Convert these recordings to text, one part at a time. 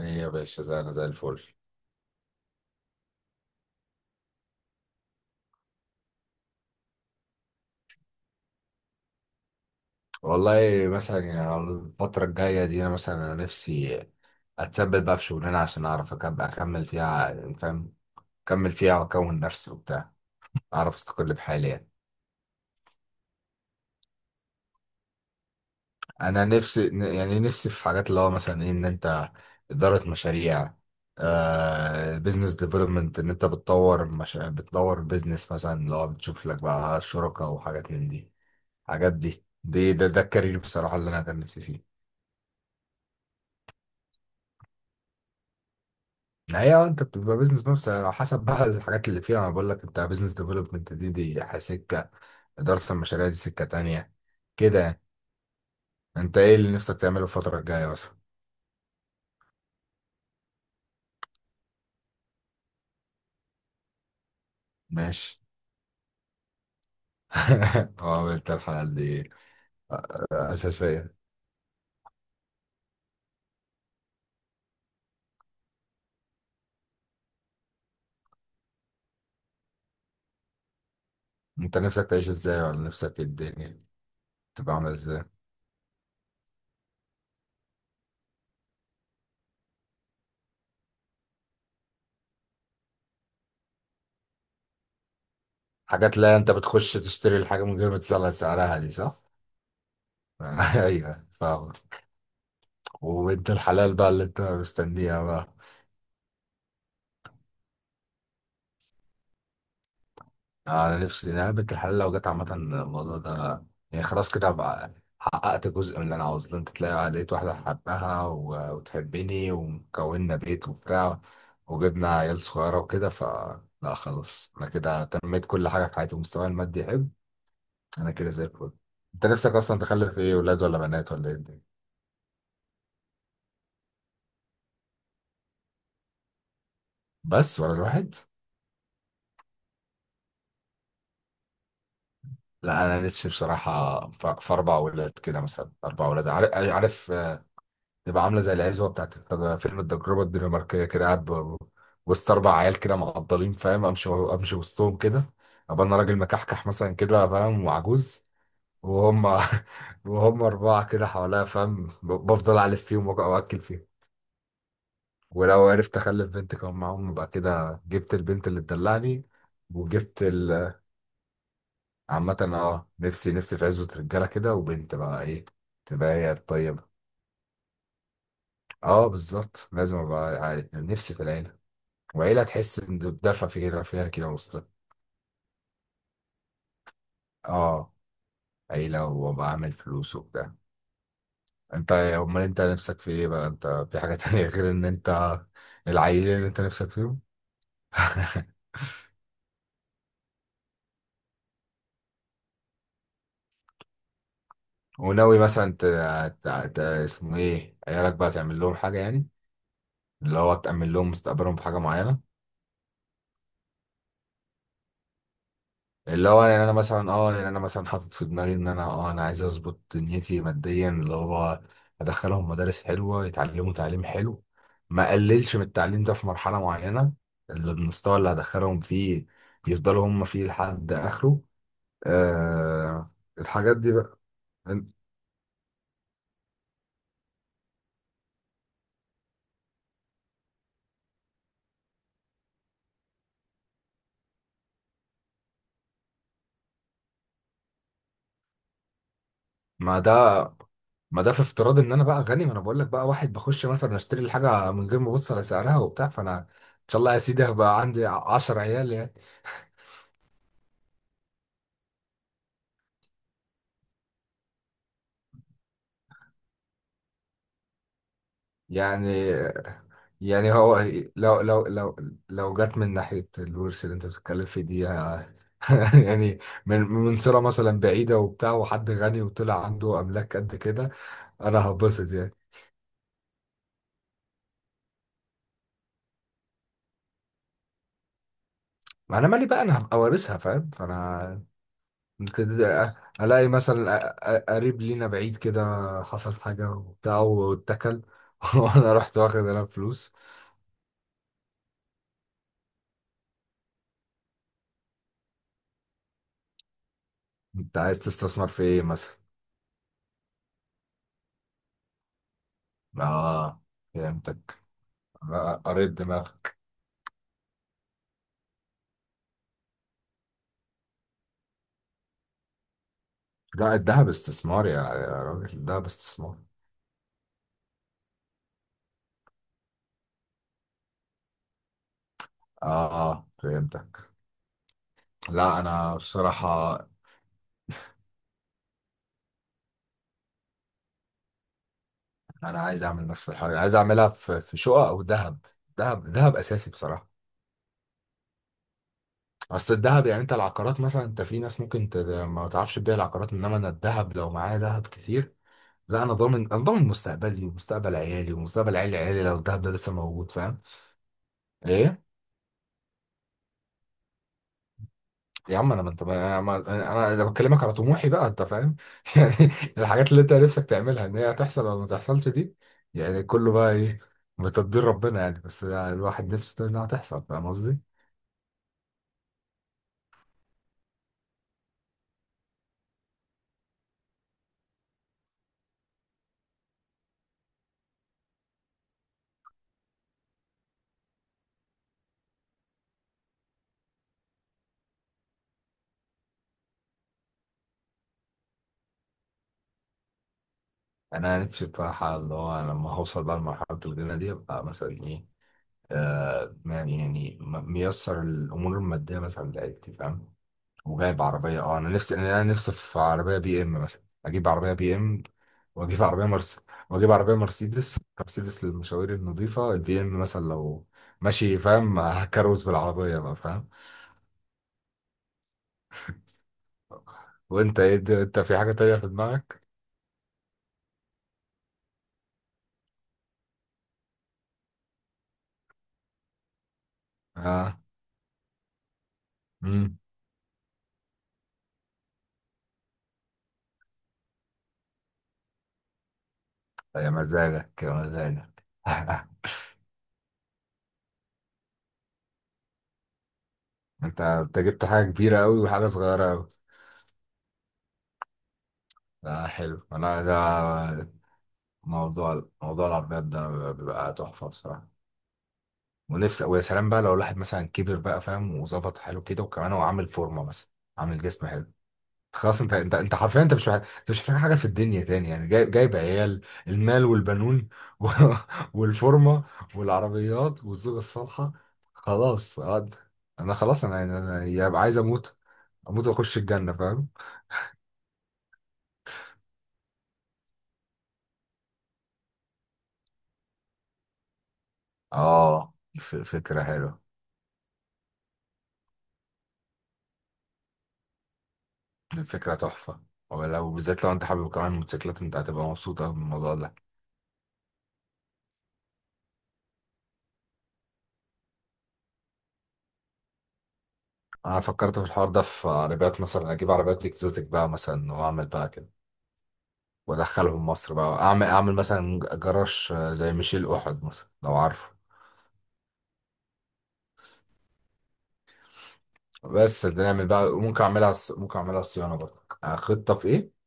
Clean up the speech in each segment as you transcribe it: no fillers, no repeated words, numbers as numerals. ايه يا باشا، زي الفل. والله مثلا يعني على الفترة الجاية دي، انا نفسي اتثبت بقى في شغلانة عشان اعرف اكمل فيها، يعني فاهم، اكمل فيها واكون نفسي وبتاع، اعرف استقل بحالي يعني. انا نفسي، يعني نفسي في حاجات اللي هو مثلا إيه، ان انت ادارة مشاريع، آه بزنس ديفلوبمنت، ان انت بتطور مش... بتطور بزنس مثلا، اللي هو بتشوف لك بقى شركاء وحاجات من دي. حاجات دي ده الكارير بصراحة اللي انا كان نفسي فيه. هي انت بتبقى بيزنس، بس على حسب بقى الحاجات اللي فيها. انا بقول لك، انت بيزنس ديفلوبمنت دي سكه، اداره المشاريع دي سكه تانية، كده يعني. انت ايه اللي نفسك تعمله الفتره الجايه مثلا؟ ماشي. اه، قلت الحلقه دي اساسيه. انت نفسك تعيش ازاي؟ ولا نفسك ايه الدنيا تبقى عامله ازاي؟ حاجات. لا، انت بتخش تشتري الحاجه من غير ما تسأل سعرها، دي صح. ايوه، فاهم. وانت الحلال بقى اللي انت مستنيها بقى. انا نفسي إن انا بنت الحلال لو جت، عامه الموضوع ده يعني خلاص كده هبقى حققت جزء من اللي انا عاوزه. انت لقيت واحده حبها وتحبني، وكوننا بيت وبتاع، وجبنا عيال صغيره وكده لا خلاص، انا كده تنميت كل حاجه في حياتي ومستواي المادي يحب، انا كده زي الفل. انت نفسك اصلا تخلف ايه، ولاد ولا بنات ولا ايه الدنيا؟ بس ولا الواحد. لا انا نفسي بصراحه في اربع ولاد كده، مثلا اربع ولاد، عارف تبقى عامله زي العزوه بتاعت فيلم التجربه الدنماركيه، كده قاعد وسط اربع عيال كده معضلين، فاهم؟ امشي امشي وسطهم كده، ابقى انا راجل مكحكح مثلا كده فاهم، وعجوز، وهم وهم اربعه كده حواليا، فاهم، بفضل الف فيهم واكل فيهم. ولو عرفت اخلف بنت كمان معاهم، يبقى كده جبت البنت اللي تدلعني وجبت عامة اه، نفسي في عزوة رجالة كده، وبنت بقى، ايه تبقى هي الطيبة. اه بالظبط، لازم ابقى نفسي في العيلة، وعيلة تحس إن بدفع فكرة فيها كده وسط، آه عيلة وأبقى عامل فلوس وبتاع. أنت نفسك في إيه بقى؟ أنت في حاجة تانية غير إن أنت العيلة اللي أنت نفسك فيهم؟ وناوي مثلا اسمه إيه، عيالك بقى تعمل لهم حاجة يعني، اللي هو تأمن لهم مستقبلهم بحاجة معينة. اللي هو يعني انا مثلا، حاطط في دماغي ان انا، انا عايز اظبط دنيتي ماديا، اللي هو ادخلهم مدارس حلوه يتعلموا تعليم حلو، ما اقللش من التعليم ده في مرحله معينه، اللي المستوى اللي هدخلهم فيه يفضلوا هم فيه لحد اخره. آه الحاجات دي بقى. ما ده ما ده في افتراض ان انا بقى غني، ما انا بقول لك بقى، واحد بخش مثلا اشتري الحاجه من غير ما ابص على سعرها وبتاع، فانا ان شاء الله يا سيدي هبقى عندي 10 عيال يعني يعني هو لو لو لو لو جت من ناحية الورث اللي انت بتتكلم فيه دي يعني، من صلة مثلا بعيدة وبتاع، وحد غني وطلع عنده أملاك قد كده، أنا هبسط يعني. ما أنا مالي بقى، أنا هبقى وارثها فاهم، فأنا كده ألاقي مثلا قريب لينا بعيد كده، حصل حاجة وبتاع واتكل، وأنا رحت واخد أنا فلوس. أنت عايز تستثمر في إيه مثلا؟ آه، فهمتك، قريت دماغك. لا الذهب استثمار، يا راجل الذهب استثمار. اه اه، فهمتك. لا انا بصراحة انا عايز اعمل نفس الحاجة، عايز اعملها في شقق او ذهب اساسي بصراحة. اصل الذهب يعني، انت العقارات مثلا انت، في ناس ممكن ما تعرفش تبيع العقارات، انما انا الذهب لو معايا ذهب كتير، لا انا ضامن، انا ضامن مستقبلي ومستقبل عيالي ومستقبل عيال عيالي لو الذهب ده لسه موجود، فاهم؟ ايه يا عم، انا ما انت انا بكلمك على طموحي بقى، انت فاهم؟ يعني الحاجات اللي انت نفسك تعملها ان هي هتحصل ولا ما تحصلش دي يعني، كله بقى ايه؟ بتدبير ربنا يعني، بس الواحد نفسه انها هتحصل، فاهم قصدي؟ انا نفسي بصراحه اللي هو، أنا لما هوصل بقى لمرحله الغنى دي، ابقى مثلا ايه، يعني ميسر الامور الماديه مثلا لعيلتي، فاهم، وجايب عربية. انا نفسي في عربية بي ام مثلا، اجيب عربية بي ام، واجيب عربية مرس واجيب عربية مرسيدس للمشاوير النظيفة، البي ام مثلا لو ماشي فاهم، هكروز بالعربية بقى فاهم. وانت ايه انت في حاجة تانية في دماغك؟ اه. امم يا مزاجك يا مزاجك. انت انت جبت حاجة كبيرة قوي وحاجة صغيرة قوي. آه حلو، انا ده موضوع العربيات ده بيبقى تحفة بصراحة. ونفسي، ويا سلام بقى لو الواحد مثلا كبر بقى فاهم، وظبط حاله كده، وكمان هو عامل فورمه مثلا، عامل جسم حلو. خلاص انت انت انت حرفيا، انت مش محتاج، انت مش محتاج حاجه في الدنيا تاني يعني، جايب عيال، المال والبنون، و... والفورمه، والعربيات، والزوجه الصالحه. خلاص انا خلاص، انا يبقى عايز اموت، اموت واخش الجنه فاهم. اه فكره حلوه، فكره تحفه، ولو بالذات لو انت حابب كمان موتوسيكلات، انت هتبقى مبسوطه من الموضوع ده. انا فكرت في الحوار ده في عربيات، مثلا اجيب عربيات اكزوتيك بقى مثلا، واعمل بقى كده وادخلهم مصر بقى، اعمل اعمل مثلا جراج، زي ميشيل احد مثلا لو عارفه. بس ده نعمل بقى، ممكن اعملها ممكن اعملها صيانه برضه. خطه في ايه؟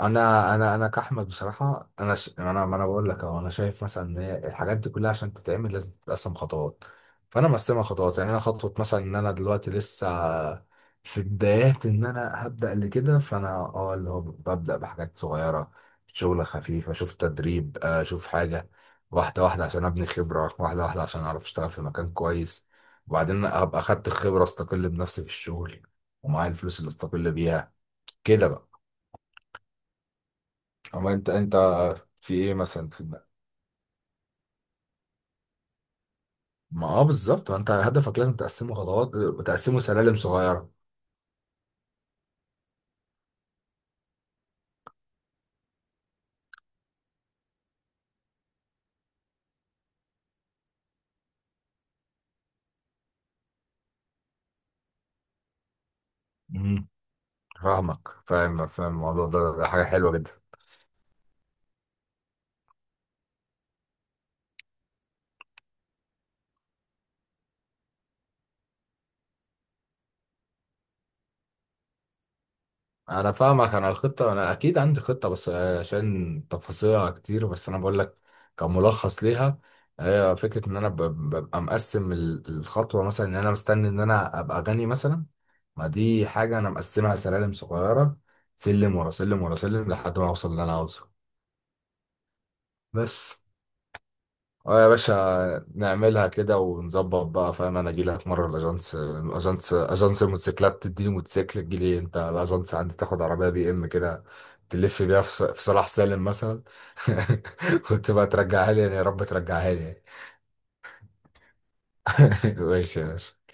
انا كاحمد بصراحه، انا ش... انا ما انا بقول لك اهو، انا شايف مثلا ان هي الحاجات دي كلها عشان تتعمل لازم تتقسم خطوات. فانا مقسمها خطوات يعني، انا خطوه مثلا ان انا دلوقتي لسه في بدايات ان انا هبدا اللي كده، فانا اه اللي هو ببدا بحاجات صغيره، شغل خفيف، اشوف تدريب، اشوف حاجه، واحده واحده عشان ابني خبره، واحده واحده عشان اعرف اشتغل في مكان كويس، وبعدين ابقى اخدت الخبره، استقل بنفسي في الشغل ومعايا الفلوس اللي استقل بيها، كده بقى. اما انت، انت في ايه مثلا في دماغك؟ ما اه بالظبط، ما انت هدفك لازم تقسمه خطوات، تقسمه سلالم صغيره. مم. فاهمك، فاهم فاهم. الموضوع ده حاجه حلوه جدا. انا فاهمك، انا الخطه انا اكيد عندي خطه بس، عشان تفاصيلها كتير، بس انا بقول لك كملخص ليها، هي فكره ان انا ببقى مقسم الخطوه، مثلا ان انا مستني ان انا ابقى غني مثلا، ما دي حاجه انا مقسمها سلالم صغيره، سلم ورا سلم ورا سلم لحد ما اوصل اللي انا عاوزه بس. اه يا باشا، نعملها كده ونظبط بقى فاهم، انا اجي لك مره الاجانس اجانس اجانس الموتوسيكلات، تديني موتوسيكل، تجي لي انت الاجانس عندي، تاخد عربيه بي ام كده، تلف بيها في صلاح سالم مثلا، وتبقى ترجعها لي يعني، يا رب ترجعها لي يعني. ماشي يا باشا.